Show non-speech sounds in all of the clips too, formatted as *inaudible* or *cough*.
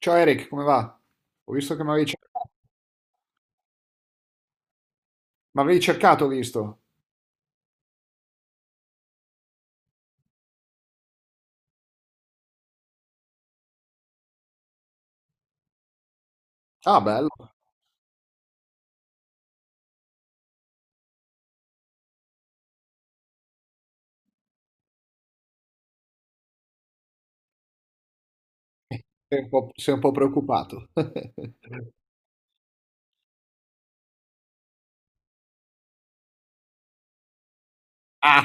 Ciao Eric, come va? Ho visto che mi avevi cercato, ho visto. Ah, bello. Sei un po' preoccupato. *laughs* Ah,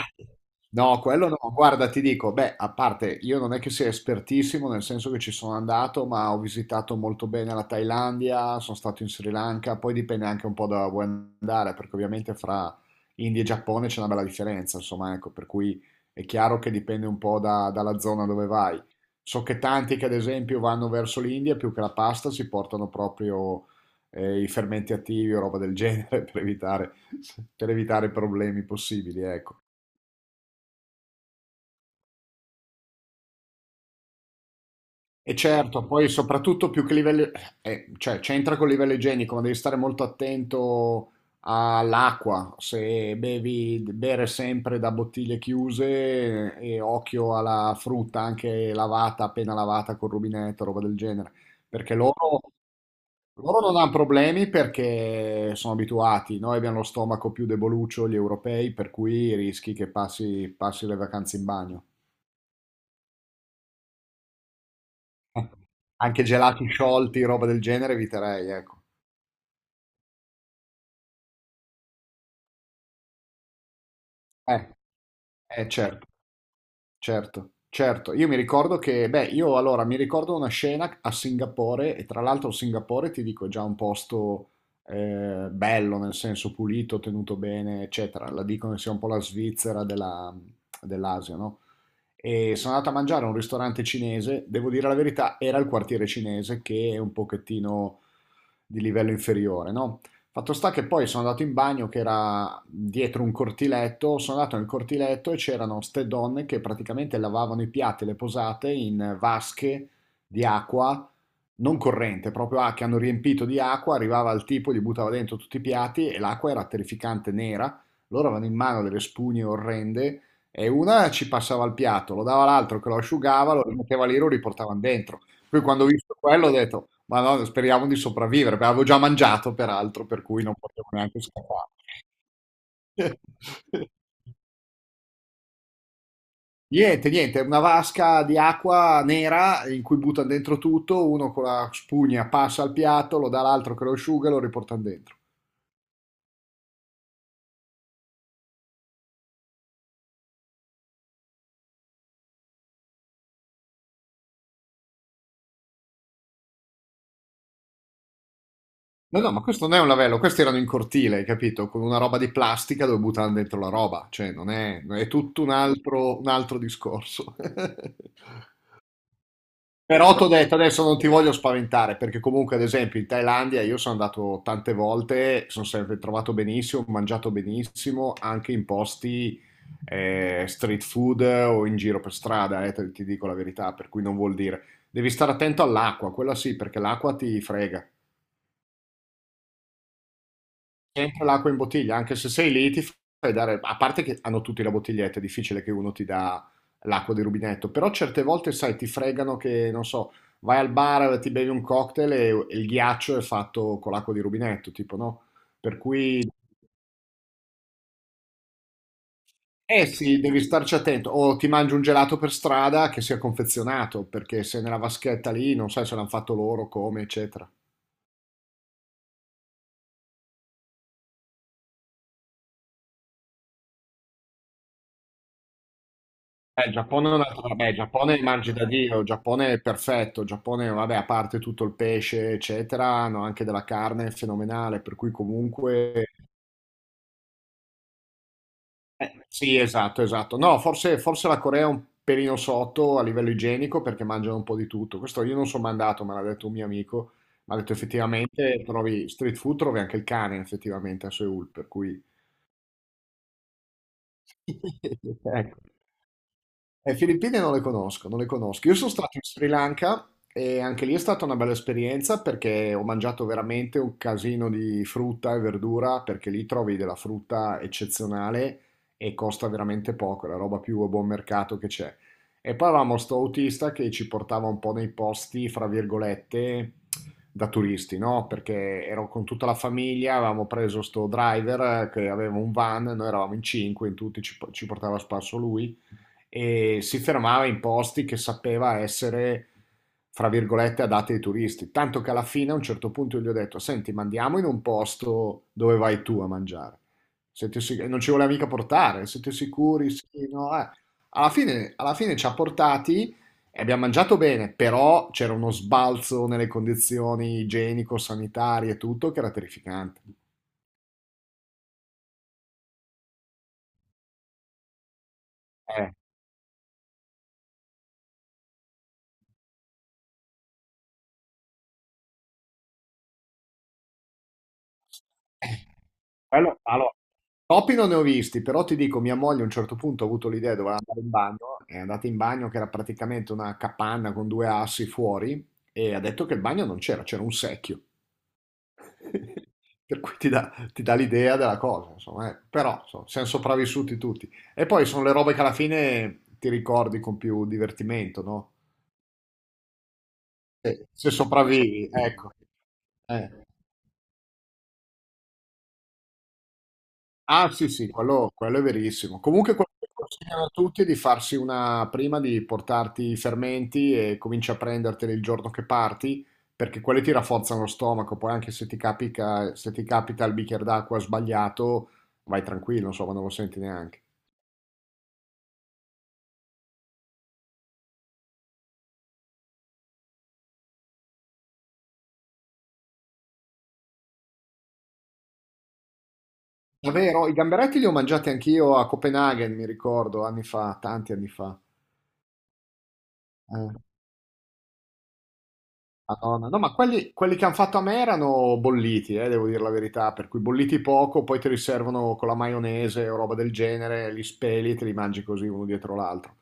no, quello no. Guarda, ti dico, beh, a parte io non è che sia espertissimo, nel senso che ci sono andato, ma ho visitato molto bene la Thailandia, sono stato in Sri Lanka, poi dipende anche un po' da dove vuoi andare, perché ovviamente fra India e Giappone c'è una bella differenza, insomma, ecco, per cui è chiaro che dipende un po' dalla zona dove vai. So che tanti che ad esempio vanno verso l'India, più che la pasta, si portano proprio i fermenti attivi o roba del genere *laughs* per evitare problemi possibili, ecco. E certo, poi soprattutto più che livello, cioè c'entra col livello igienico, ma devi stare molto attento all'acqua, se bevi, bere sempre da bottiglie chiuse e occhio alla frutta anche lavata, appena lavata col rubinetto, roba del genere, perché loro non hanno problemi perché sono abituati, noi abbiamo lo stomaco più deboluccio, gli europei, per cui rischi che passi le vacanze in bagno. Anche gelati sciolti, roba del genere, eviterei, ecco. Eh, certo, certo, certo. Io mi ricordo che, beh, io allora mi ricordo una scena a Singapore, e tra l'altro Singapore, ti dico, è già un posto bello, nel senso pulito, tenuto bene, eccetera. La dicono sia un po' la Svizzera dell'Asia, no? E sono andato a mangiare a un ristorante cinese, devo dire la verità, era il quartiere cinese che è un pochettino di livello inferiore, no? Fatto sta che poi sono andato in bagno che era dietro un cortiletto, sono andato nel cortiletto e c'erano ste donne che praticamente lavavano i piatti e le posate in vasche di acqua non corrente, proprio che hanno riempito di acqua, arrivava il tipo, gli buttava dentro tutti i piatti e l'acqua era terrificante nera, loro avevano in mano delle spugne orrende e una ci passava il piatto, lo dava all'altro che lo asciugava, lo rimetteva lì, lo riportavano dentro. Poi quando ho visto quello ho detto, ma no, speriamo di sopravvivere, perché avevo già mangiato peraltro, per cui non potevo neanche scappare. *laughs* Niente, niente, una vasca di acqua nera in cui buttano dentro tutto, uno con la spugna passa al piatto, lo dà all'altro che lo asciuga e lo riportano dentro. No, no, ma questo non è un lavello, questi erano in cortile, hai capito? Con una roba di plastica dove buttavano dentro la roba, cioè non è, è tutto un altro discorso. *laughs* Però ti ho detto, adesso non ti voglio spaventare, perché comunque ad esempio in Thailandia io sono andato tante volte, sono sempre trovato benissimo, ho mangiato benissimo, anche in posti street food o in giro per strada, ti dico la verità, per cui non vuol dire. Devi stare attento all'acqua, quella sì, perché l'acqua ti frega. Sempre l'acqua in bottiglia, anche se sei lì ti fai dare, a parte che hanno tutti la bottiglietta, è difficile che uno ti dà l'acqua di rubinetto, però certe volte, sai, ti fregano che, non so, vai al bar, ti bevi un cocktail e il ghiaccio è fatto con l'acqua di rubinetto, tipo, no? Per cui, eh sì, devi starci attento, o ti mangi un gelato per strada che sia confezionato, perché se nella vaschetta lì, non sai se l'hanno fatto loro, come, eccetera. Il Giappone è un altro, vabbè, il Giappone mangi da Dio, il Giappone è perfetto, il Giappone, vabbè, a parte tutto il pesce, eccetera, hanno anche della carne fenomenale, per cui comunque... Sì, esatto, esatto. No, forse, forse la Corea è un pelino sotto a livello igienico perché mangiano un po' di tutto. Questo io non sono mandato, me l'ha detto un mio amico, mi ha detto effettivamente trovi street food, trovi anche il cane effettivamente a Seoul, per cui... *laughs* Ecco. Le Filippine non le conosco, non le conosco. Io sono stato in Sri Lanka e anche lì è stata una bella esperienza perché ho mangiato veramente un casino di frutta e verdura perché lì trovi della frutta eccezionale e costa veramente poco, è la roba più a buon mercato che c'è. E poi avevamo sto autista che ci portava un po' nei posti, fra virgolette, da turisti, no? Perché ero con tutta la famiglia, avevamo preso sto driver che aveva un van, noi eravamo in cinque, in tutti ci portava a spasso lui e si fermava in posti che sapeva essere, fra virgolette, adatti ai turisti. Tanto che alla fine a un certo punto gli ho detto, senti, ma andiamo in un posto dove vai tu a mangiare. Non ci voleva mica portare, siete sicuri? Sì, no, eh. Alla fine ci ha portati e abbiamo mangiato bene, però c'era uno sbalzo nelle condizioni igienico-sanitarie e tutto che era terrificante. Eh, Quello allora, topi non ne ho visti, però ti dico, mia moglie a un certo punto ha avuto l'idea, doveva andare in bagno, è andata in bagno che era praticamente una capanna con due assi fuori e ha detto che il bagno non c'era, c'era un secchio. *laughs* Per cui ti dà l'idea della cosa, insomma, eh. Però, insomma, siamo sopravvissuti tutti. E poi sono le robe che alla fine ti ricordi con più divertimento, no? Se sopravvivi, ecco. Eh. Ah sì sì, quello è verissimo. Comunque quello che consigliano a tutti è di farsi una prima di portarti i fermenti e cominci a prenderteli il giorno che parti, perché quelli ti rafforzano lo stomaco, poi anche se ti capita, se ti capita il bicchiere d'acqua sbagliato, vai tranquillo, insomma, non lo senti neanche. Davvero, i gamberetti li ho mangiati anch'io a Copenaghen, mi ricordo, anni fa, tanti anni fa. Eh. Madonna. No, ma quelli, quelli che hanno fatto a me erano bolliti, devo dire la verità, per cui bolliti poco, poi te li servono con la maionese o roba del genere, li speli e te li mangi così uno dietro l'altro.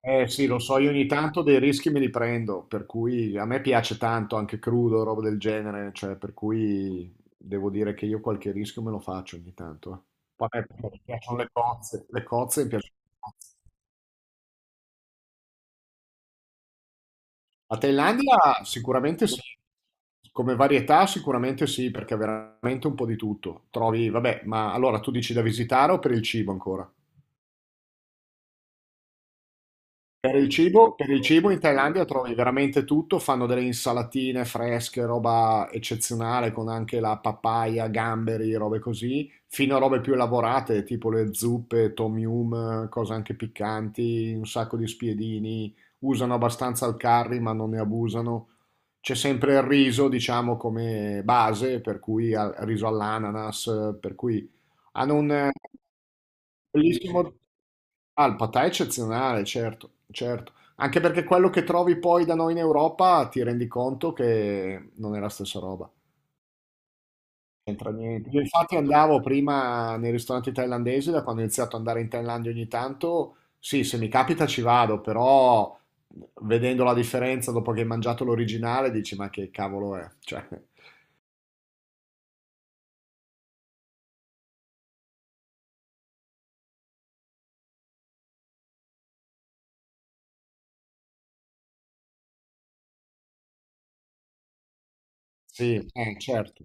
Eh sì, lo so, io ogni tanto dei rischi me li prendo, per cui a me piace tanto anche crudo, roba del genere, cioè per cui devo dire che io qualche rischio me lo faccio ogni tanto. Poi a me piacciono le cozze mi piacciono. A Thailandia sicuramente sì, come varietà sicuramente sì, perché è veramente un po' di tutto. Trovi, vabbè, ma allora tu dici da visitare o per il cibo ancora? Per il cibo in Thailandia trovi veramente tutto, fanno delle insalatine fresche, roba eccezionale con anche la papaya, gamberi, robe così, fino a robe più elaborate, tipo le zuppe, tom yum, cose anche piccanti, un sacco di spiedini, usano abbastanza il curry ma non ne abusano. C'è sempre il riso, diciamo, come base, per cui riso all'ananas, per cui hanno un Bellissimo. Ah, il patà è eccezionale, certo, certo. Anche perché quello che trovi poi da noi in Europa ti rendi conto che non è la stessa roba. C'entra niente. Io infatti andavo prima nei ristoranti thailandesi, da quando ho iniziato ad andare in Thailandia ogni tanto, sì, se mi capita ci vado, però vedendo la differenza dopo che hai mangiato l'originale dici ma che cavolo è? Cioè, sì, certo.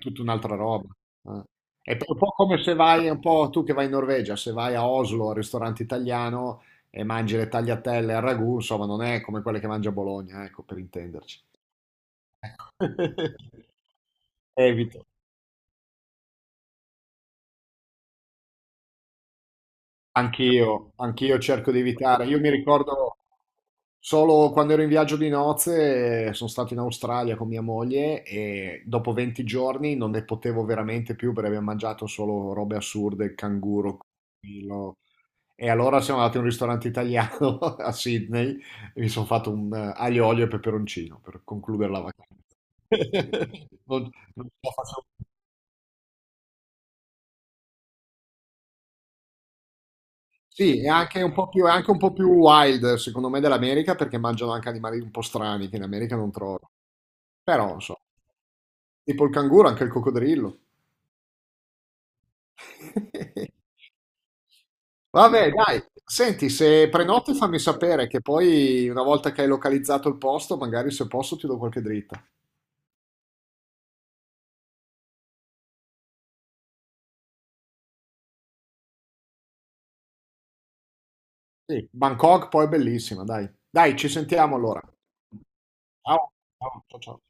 Tutta un'altra roba. eh. È un po' come se vai, è un po' tu che vai in Norvegia, se vai a Oslo al ristorante italiano e mangi le tagliatelle al ragù, insomma, non è come quelle che mangia a Bologna, ecco, per intenderci. Ecco. *laughs* Evito. Anch'io, anch'io cerco di evitare. Io mi ricordo solo quando ero in viaggio di nozze, sono stato in Australia con mia moglie e dopo 20 giorni non ne potevo veramente più perché abbiamo mangiato solo robe assurde, il canguro, il E allora siamo andati in un ristorante italiano *laughs* a Sydney e mi sono fatto un aglio, olio e peperoncino per concludere la vacanza. *laughs* Non- Non ce la faccio. Sì, è anche un po' più, è anche un po' più, wild, secondo me, dell'America perché mangiano anche animali un po' strani che in America non trovo. Però, insomma, tipo il canguro, anche il coccodrillo. *laughs* Vabbè, dai, senti, se prenoti fammi sapere che poi una volta che hai localizzato il posto, magari se posso ti do qualche dritta. Sì, Bangkok poi è bellissima, dai. Dai, ci sentiamo allora. Ciao, ciao, ciao. Ciao.